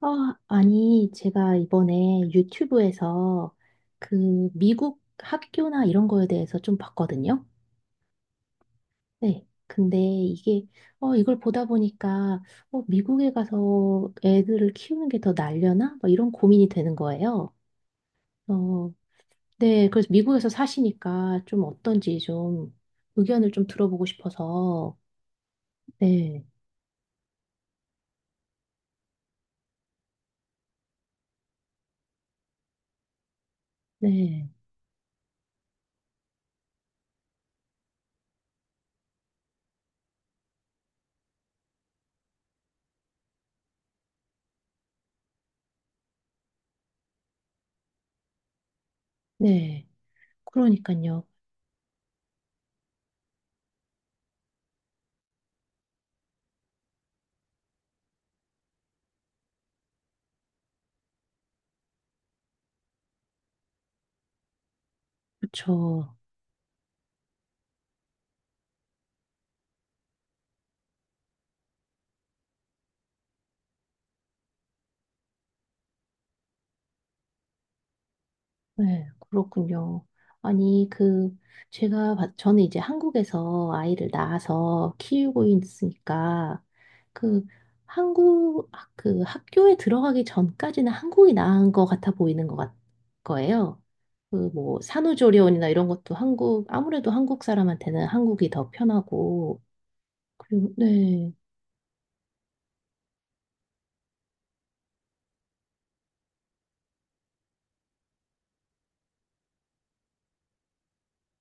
아, 아니, 제가 이번에 유튜브에서 그 미국 학교나 이런 거에 대해서 좀 봤거든요. 네. 근데 이게, 이걸 보다 보니까, 미국에 가서 애들을 키우는 게 더 날려나? 막 이런 고민이 되는 거예요. 어, 네. 그래서 미국에서 사시니까 좀 어떤지 좀 의견을 좀 들어보고 싶어서, 네. 네. 네. 그러니까요. 그렇죠. 네, 그렇군요. 아니, 그, 저는 이제 한국에서 아이를 낳아서 키우고 있으니까, 그, 그 학교에 들어가기 전까지는 한국이 나은 것 같아 보이는 것 같, 거예요. 그, 뭐, 산후조리원이나 이런 것도 한국, 아무래도 한국 사람한테는 한국이 더 편하고, 그리고, 네,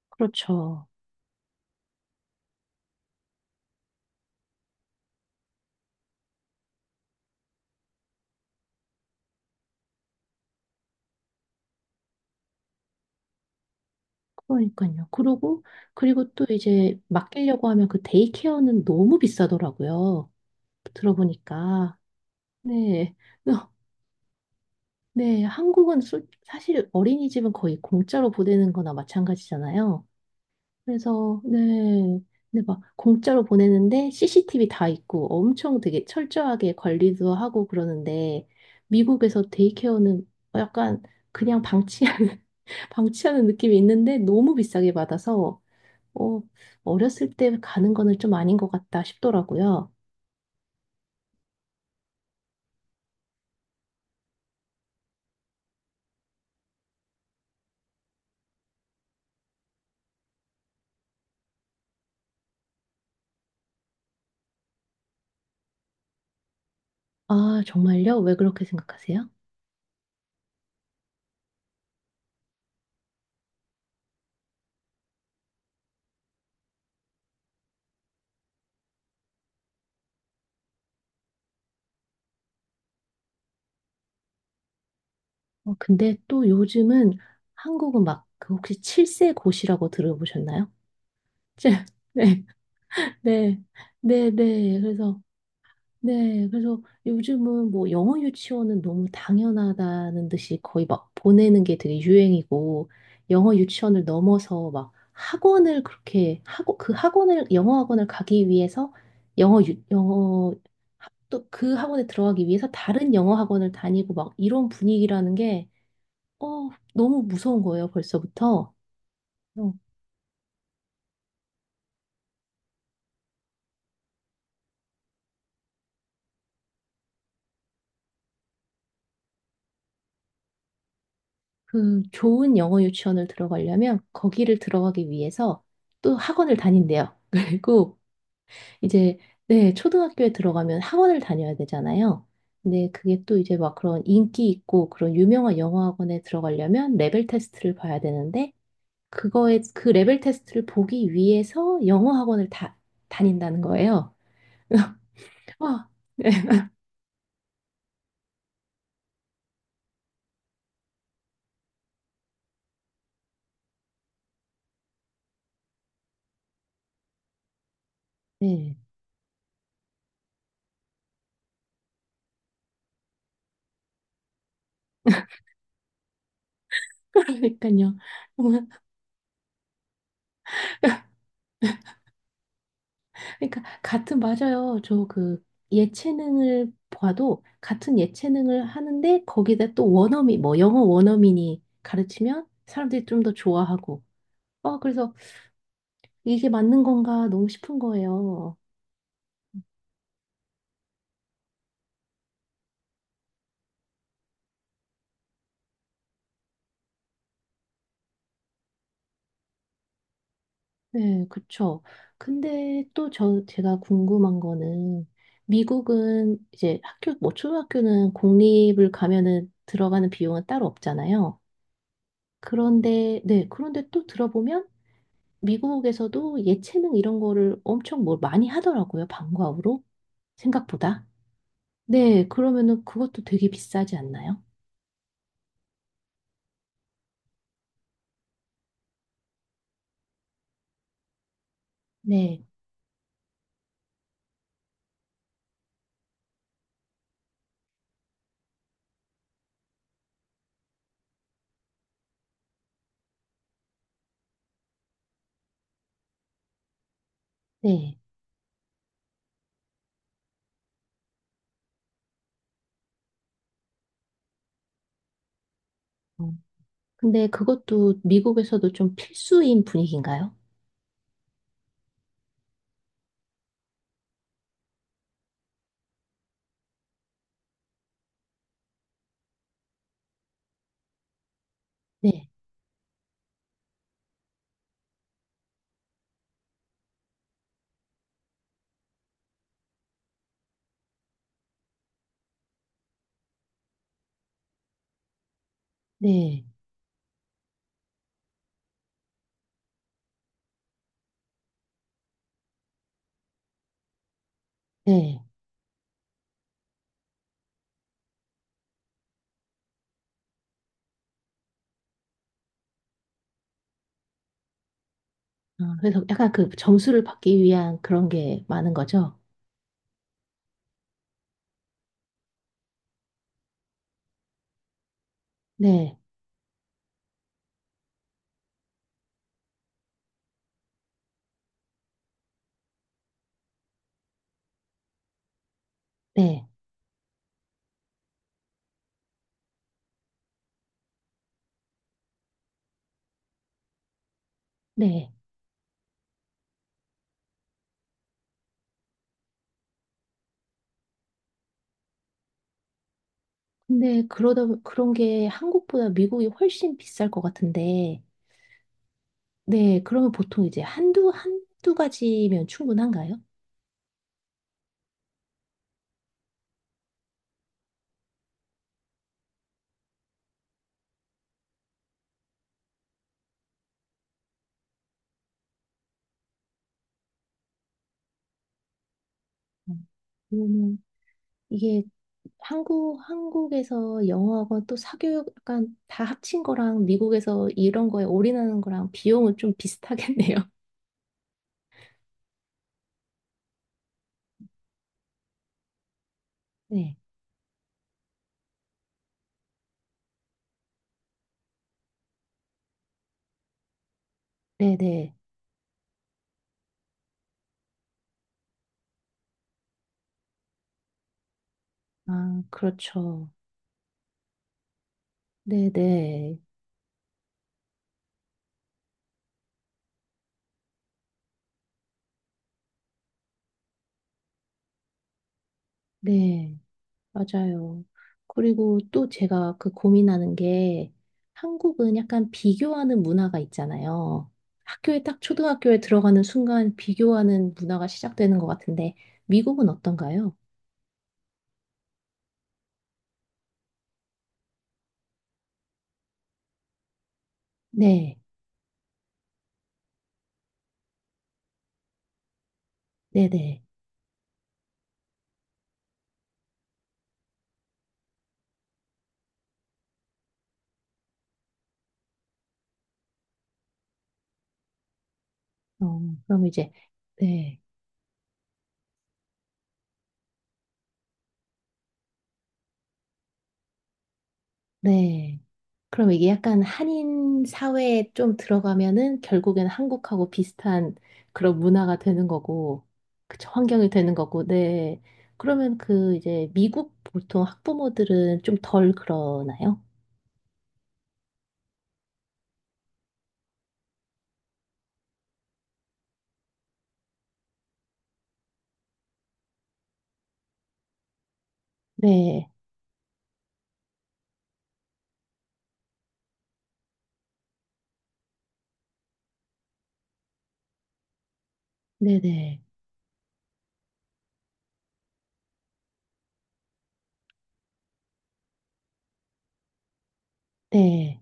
그렇죠. 그러니까요. 그리고, 그리고 또 이제 맡기려고 하면 그 데이케어는 너무 비싸더라고요. 들어보니까. 네. 어, 네. 한국은 사실 어린이집은 거의 공짜로 보내는 거나 마찬가지잖아요. 그래서, 네. 근데 막 공짜로 보내는데 CCTV 다 있고 엄청 되게 철저하게 관리도 하고 그러는데 미국에서 데이케어는 약간 그냥 방치하는, 방치하는 느낌이 있는데 너무 비싸게 받아서 어, 어렸을 때 가는 거는 좀 아닌 것 같다 싶더라고요. 아, 정말요? 왜 그렇게 생각하세요? 근데 또 요즘은 한국은 막 그 혹시 칠세 고시라고 들어보셨나요? 칠- 네, 네, 네, 네. 그래서 네, 그래서 요즘은 뭐 영어 유치원은 너무 당연하다는 듯이 거의 막 보내는 게 되게 유행이고 영어 유치원을 넘어서 막 학원을 그렇게 하고 그 학원을 영어 학원을 가기 위해서 영어 또 그 학원에 들어가기 위해서 다른 영어 학원을 다니고 막 이런 분위기라는 게 너무 무서운 거예요, 벌써부터. 어, 그 좋은 영어 유치원을 들어가려면 거기를 들어가기 위해서 또 학원을 다닌대요. 그리고 이제 네, 초등학교에 들어가면 학원을 다녀야 되잖아요. 근데 그게 또 이제 막 그런 인기 있고 그런 유명한 영어 학원에 들어가려면 레벨 테스트를 봐야 되는데 그거에 그 레벨 테스트를 보기 위해서 영어 학원을 다 다닌다는 거예요. 와, 네, 네. 그러니까요. 그러니까 같은 맞아요. 저 그 예체능을 봐도 같은 예체능을 하는데 거기다 또 원어민 뭐 영어 원어민이 가르치면 사람들이 좀 더 좋아하고 어 그래서 이게 맞는 건가 너무 싶은 거예요. 네, 그쵸. 근데 또 저 제가 궁금한 거는 미국은 이제 학교 뭐 초등학교는 공립을 가면은 들어가는 비용은 따로 없잖아요. 그런데 네, 그런데 또 들어보면 미국에서도 예체능 이런 거를 엄청 뭐 많이 하더라고요. 방과후로. 생각보다. 네, 그러면은 그것도 되게 비싸지 않나요? 네, 네. 어, 근데 그것도 미국에서도 좀 필수인 분위기인가요? 네, 네, 네. 어, 그래서 약간 그 점수를 받기 위한 그런 게 많은 거죠? 네, 네, 네. 그런 게 한국보다 미국이 훨씬 비쌀 것 같은데, 네, 그러면 보통 이제 한두 가지면 충분한가요? 음, 그러면 이게 한국에서 영어하고 또 사교육 약간 다 합친 거랑 미국에서 이런 거에 올인하는 거랑 비용은 좀 비슷하겠네요. 네. 네네. 아, 그렇죠. 네네. 네. 맞아요. 그리고 또 제가 그 고민하는 게 한국은 약간 비교하는 문화가 있잖아요. 학교에 딱 초등학교에 들어가는 순간 비교하는 문화가 시작되는 것 같은데 미국은 어떤가요? 네. 네네. 어, 그럼 이제, 네, 네. 그럼 이게 약간 한인 사회에 좀 들어가면은 결국엔 한국하고 비슷한 그런 문화가 되는 거고, 그쵸, 환경이 되는 거고, 네. 그러면 그 이제 미국 보통 학부모들은 좀 덜 그러나요? 네, 네 네, 네,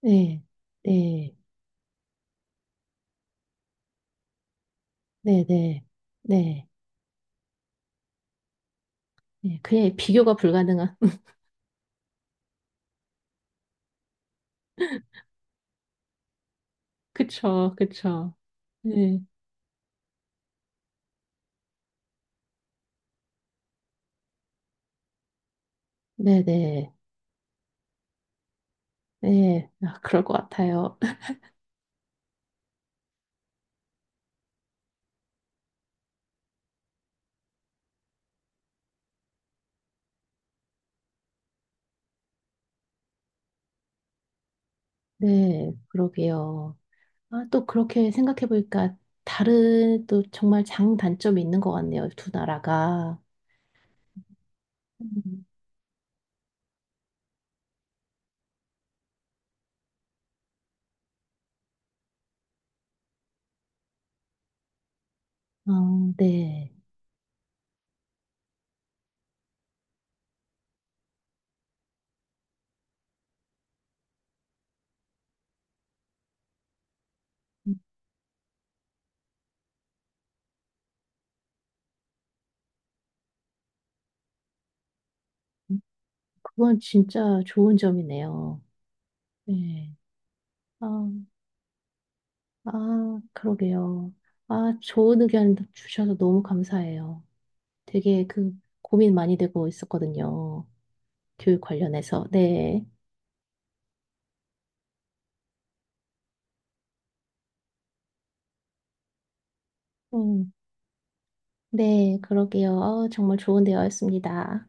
네, 네, 네네, 네, 네. 네. 그냥 비교가 불가능한. 그쵸, 그쵸. 네, 네네, 네. 네. 아, 그럴 것 같아요. 네, 그러게요. 아, 또 그렇게 생각해 보니까 다른 또 정말 장단점이 있는 것 같네요. 두 나라가. 음, 아, 네. 음, 음. 그건 진짜 좋은 점이네요. 네. 아, 아, 그러게요. 아, 좋은 의견 주셔서 너무 감사해요. 되게 그 고민 많이 되고 있었거든요. 교육 관련해서. 네. 음. 네, 그러게요. 정말 좋은 대화였습니다.